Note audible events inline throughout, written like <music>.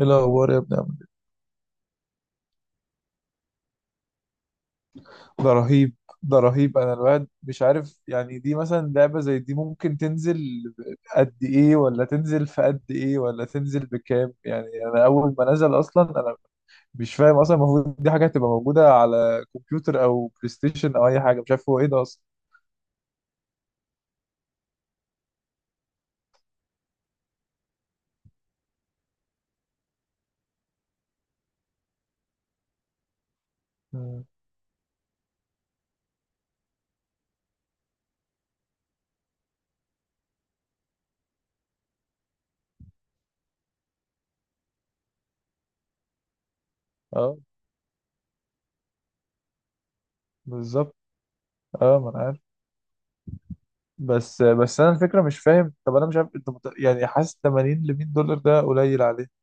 ايه الاخبار يا ابني عامل إيه؟ ده رهيب. انا الواحد مش عارف، يعني دي مثلا لعبة زي دي ممكن تنزل قد ايه؟ ولا تنزل في قد ايه؟ ولا تنزل بكام؟ يعني انا اول ما نزل اصلا انا مش فاهم اصلا. المفروض دي حاجة هتبقى موجودة على كمبيوتر او بلاي ستيشن او اي حاجة، مش عارف هو ايه ده اصلا. مم. اه، بالظبط. اه، ما انا عارف. بس انا الفكرة مش فاهم، طب انا مش عارف انت، يعني حاسس 80 ل $100 ده قليل عليه.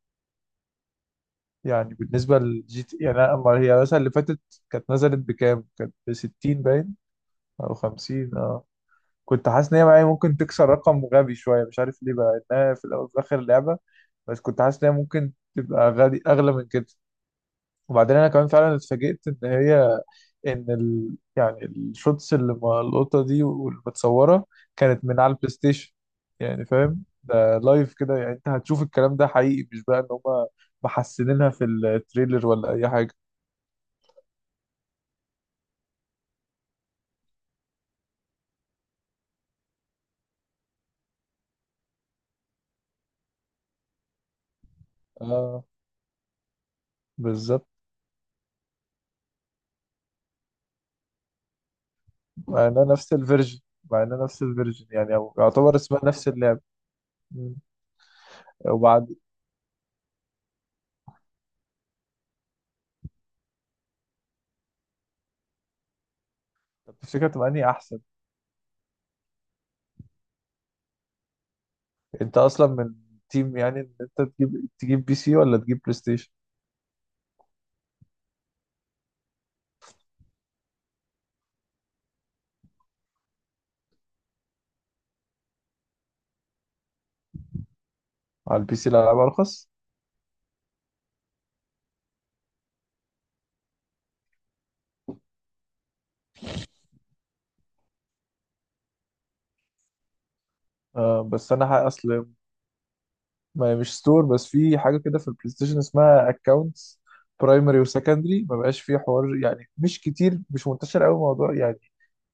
يعني بالنسبة للجي تي، يعني أما هي مثلا اللي فاتت كانت نزلت بكام؟ كانت بستين باين. أو خمسين، اه. كنت حاسس إن هي معايا ممكن تكسر رقم غبي شوية، مش عارف ليه بقى، إنها في الأول وفي الآخر لعبة. بس كنت حاسس إن هي ممكن تبقى غالي، أغلى من كده. وبعدين أنا كمان فعلا اتفاجئت إن هي، يعني الشوتس اللي ملقوطة دي والمتصورة كانت من على البلاي ستيشن. يعني فاهم؟ ده لايف كده، يعني أنت هتشوف الكلام ده حقيقي، مش بقى إن هما محسنينها في التريلر ولا أي حاجة. اه، بالظبط. مع انها نفس الفيرجن. مع انها نفس الفيرجن يعني، او يعتبر اسمها نفس اللعب. مم. وبعد، طب تفتكر تبقى انهي احسن؟ انت اصلا من تيم، يعني ان انت تجيب، بي سي ولا تجيب بلاي ستيشن؟ على البي سي الالعاب ارخص. آه، اصل ما هي مش ستور، بس في حاجه كده في البلاي ستيشن اسمها اكونتس، برايمري وسكندري، ما بقاش فيه حوار يعني، مش كتير، مش منتشر قوي الموضوع يعني.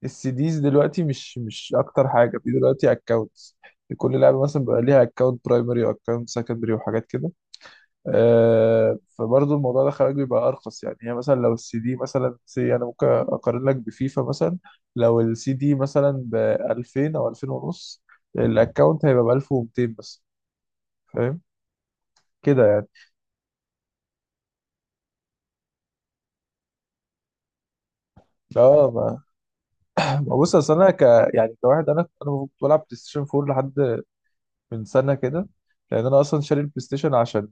السي ديز دلوقتي مش اكتر حاجه في دلوقتي. اكونتس لكل لعبه، مثلا بيبقى ليها اكونت برايمري واكونت سكندري وحاجات كده. آه، فبرضه الموضوع ده خلاك بيبقى ارخص. يعني هي مثلا لو السي دي مثلا، انا ممكن اقارن لك بفيفا مثلا، لو السي دي مثلا ب 2000 او 2000 ونص، الاكونت هيبقى ب 1200 بس. فاهم كده يعني. اه، ما بص، اصل انا ك يعني كواحد، انا كنت بلعب بلاي ستيشن 4 لحد من سنه كده، لان انا اصلا شاري البلاي ستيشن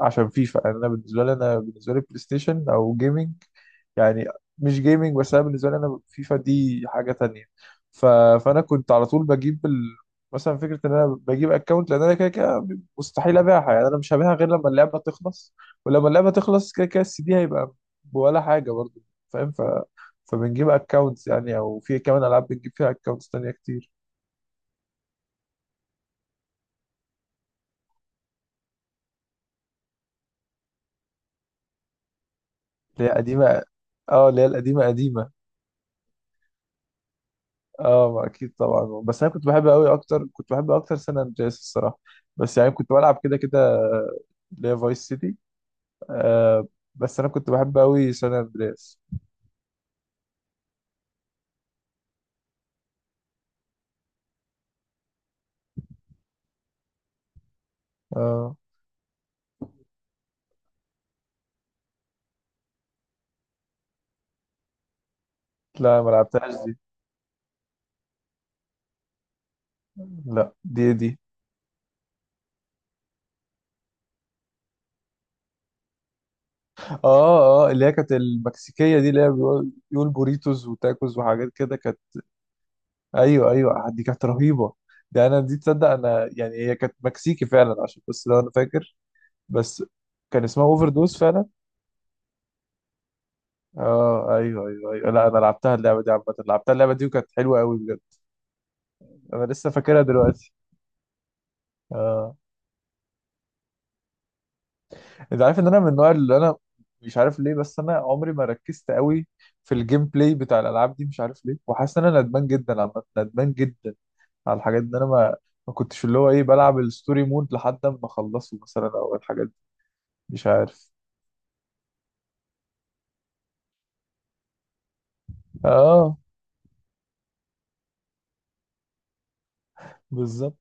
عشان فيفا. يعني انا بالنسبه لي، انا بالنسبه لي بلاي ستيشن او جيمنج يعني، مش جيمنج بس، انا بالنسبه لي انا فيفا دي حاجه تانية. ف... فانا كنت على طول بجيب مثلا فكره ان انا بجيب اكونت، لان انا كده كده مستحيل ابيعها. يعني انا مش هبيعها غير لما اللعبه تخلص، ولما اللعبه تخلص كده كده السي دي هيبقى ولا حاجه برضه، فاهم؟ فبنجيب اكونتس يعني، او في كمان العاب بنجيب فيها اكونتس تانية كتير. اللي هي قديمه. اه، اللي هي القديمه قديمه. اه، ما اكيد طبعا، بس انا كنت بحب قوي اكتر، كنت بحب اكتر سان اندرياس الصراحه. بس يعني كنت بلعب كده كده اللي هي فايس سيتي. آه، بس انا كنت بحب قوي سان اندرياس. اه، لا ما لعبتهاش دي. لا، دي اه اه، اللي هي كانت المكسيكيه دي، اللي هي بيقول بوريتوس وتاكوز وحاجات كده، كانت. ايوه ايوه، دي كانت رهيبه. ده انا دي تصدق انا يعني هي كانت مكسيكي فعلا عشان، بس لو انا فاكر، بس كان اسمها اوفر دوز فعلا. اه ايوه ايوه ايوه، لا انا لعبتها اللعبه دي عامه، لعبتها اللعبه دي وكانت حلوه قوي بجد. انا لسه فاكرها دلوقتي. اه، انت عارف ان انا من النوع اللي انا، مش عارف ليه بس انا عمري ما ركزت قوي في الجيم بلاي بتاع الالعاب دي، مش عارف ليه، وحاسس ان انا ندمان جدا، عامه ندمان جدا على الحاجات دي. انا ما ما كنتش اللي هو ايه، بلعب الستوري مود لحد ما اخلصه مثلا او الحاجات دي. مش عارف. اه، بالظبط.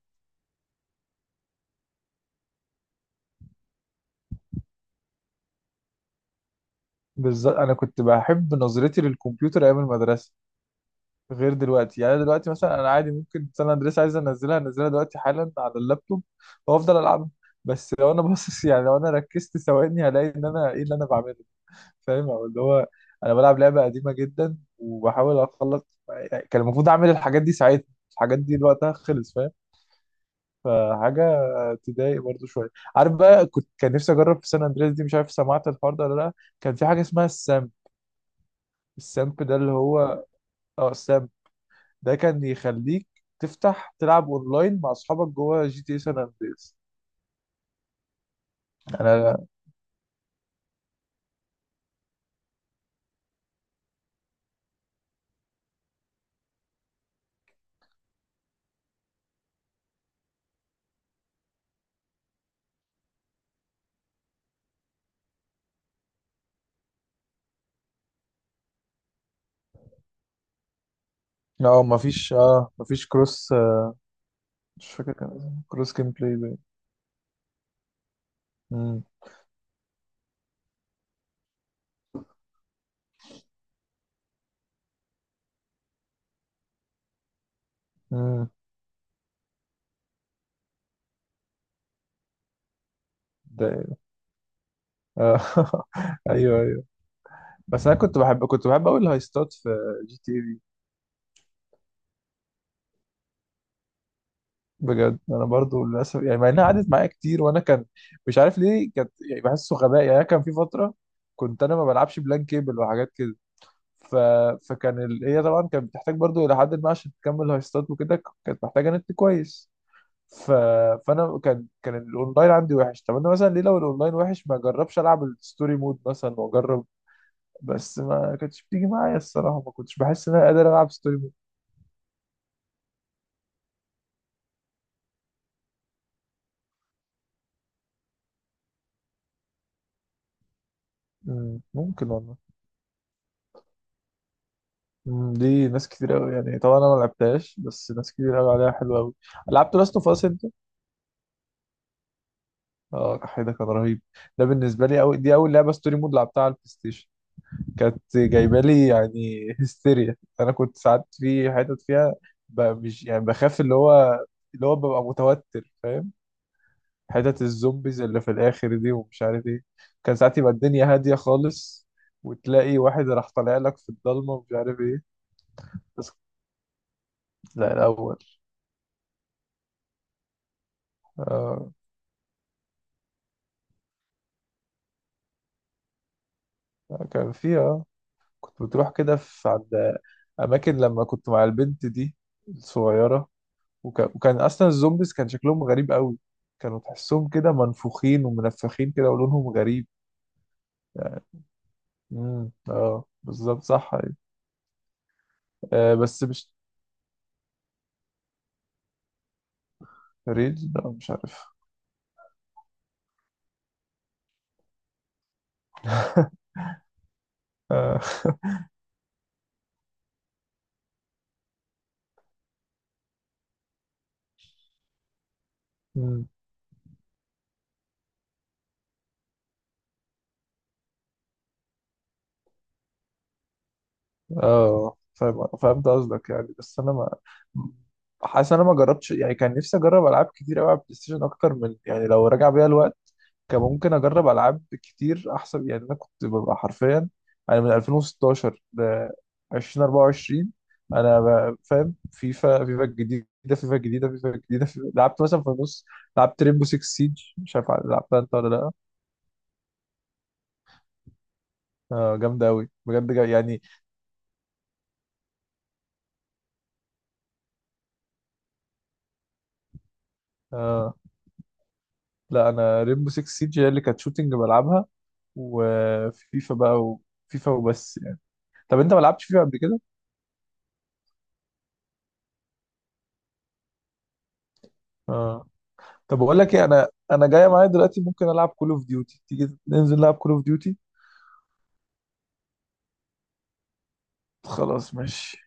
بالظبط، انا كنت بحب نظرتي للكمبيوتر ايام المدرسه غير دلوقتي. يعني أنا دلوقتي مثلا انا عادي ممكن سان اندريس عايز انزلها انزلها دلوقتي حالا على اللابتوب وافضل العبها، بس لو انا <laughs> باصص، يعني لو انا ركزت ثواني هلاقي ان انا ايه اللي انا بعمله؟ فاهم؟ او اللي هو انا بلعب لعبه قديمه جدا وبحاول اخلص، يعني كان المفروض اعمل الحاجات دي ساعتها. الحاجات دي وقتها خلص، فاهم؟ فحاجه تضايق برضو شويه. عارف بقى، كنت كان نفسي اجرب في سان اندريس دي، مش عارف سمعت الحوار ده ولا لا، كان في حاجه اسمها السامب. السامب ده اللي هو، اه السامب ده، كان يخليك تفتح تلعب اونلاين مع اصحابك جوه جي تي سان اندريس. انا، اه مفيش، اه مفيش كروس، آه، مش فاكر، كان اسمه كروس جيم بلاي باين. مم. مم. ده إيه؟ آه. <laughs> ايوه ايوه. بس انا كنت بحب، كنت بحب قوي الهايستات في جي تي في. بجد انا برضو للاسف يعني، مع انها قعدت معايا كتير وانا كان، مش عارف ليه كانت يعني بحسه غباء. يعني أنا كان في فتره كنت انا ما بلعبش بلان كيبل وحاجات كده. ف... فكان هي طبعا كانت بتحتاج برضو الى حد ما عشان تكمل هايستات وكده، كانت محتاجه نت كويس. ف... فانا كان الاونلاين عندي وحش. طب انا مثلا ليه لو الاونلاين وحش ما اجربش العب الستوري مود مثلا واجرب؟ بس ما كانتش بتيجي معايا الصراحه، ما كنتش بحس ان انا قادر العب ستوري مود. مم، ممكن والله. مم، دي ناس كتير قوي يعني، طبعا انا ما لعبتهاش، بس ناس كتير قوي عليها، حلوه قوي. لعبت لاست اوف اس انت؟ اه، ده كان رهيب. ده بالنسبه لي دي اول لعبه ستوري مود لعبتها على البلاي ستيشن، كانت جايبه لي يعني هستيريا. انا كنت ساعات في حتت فيها، ب- مش يعني بخاف، اللي هو اللي هو ببقى متوتر، فاهم؟ حتت الزومبيز اللي في الاخر دي ومش عارف ايه، كان ساعات يبقى الدنيا هاديه خالص وتلاقي واحد راح طالع لك في الضلمه ومش عارف ايه. بس كنت- لا الاول. آه، كان في، اه كنت بتروح كده في عند اماكن لما كنت مع البنت دي الصغيره. وكان اصلا الزومبيز كان شكلهم غريب قوي، كانوا تحسهم كده منفوخين ومنفخين كده ولونهم غريب. امم، اه بالظبط صح، أيوة. آه، بس مش ريد، لا مش عارف. اه. <laughs> مم. آه، فاهم، فهمت قصدك يعني. بس انا ما حاسس انا ما جربتش يعني، كان نفسي اجرب العاب كتير قوي على البلاي ستيشن اكتر من، يعني لو راجع بيا الوقت كان ممكن اجرب العاب كتير احسن. يعني انا كنت ببقى حرفيا، انا من 2016 ل 2024. فاهم؟ فيفا، فيفا الجديده فيفا. لعبت مثلا في النص لعبت ريمبو 6 سيج، مش عارف لعبتها انت ولا لا. آه جامده قوي بجد، يعني. آه لا، انا ريمبو 6 سيج هي اللي كانت شوتنج بلعبها وفيفا بقى. وفيفا وبس يعني. طب انت ما لعبتش فيفا قبل كده؟ اه، طب بقول لك ايه، انا جايه معايا دلوقتي ممكن العب كول اوف ديوتي، تيجي ننزل نلعب كول اوف ديوتي؟ خلاص ماشي.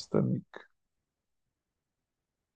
استنى.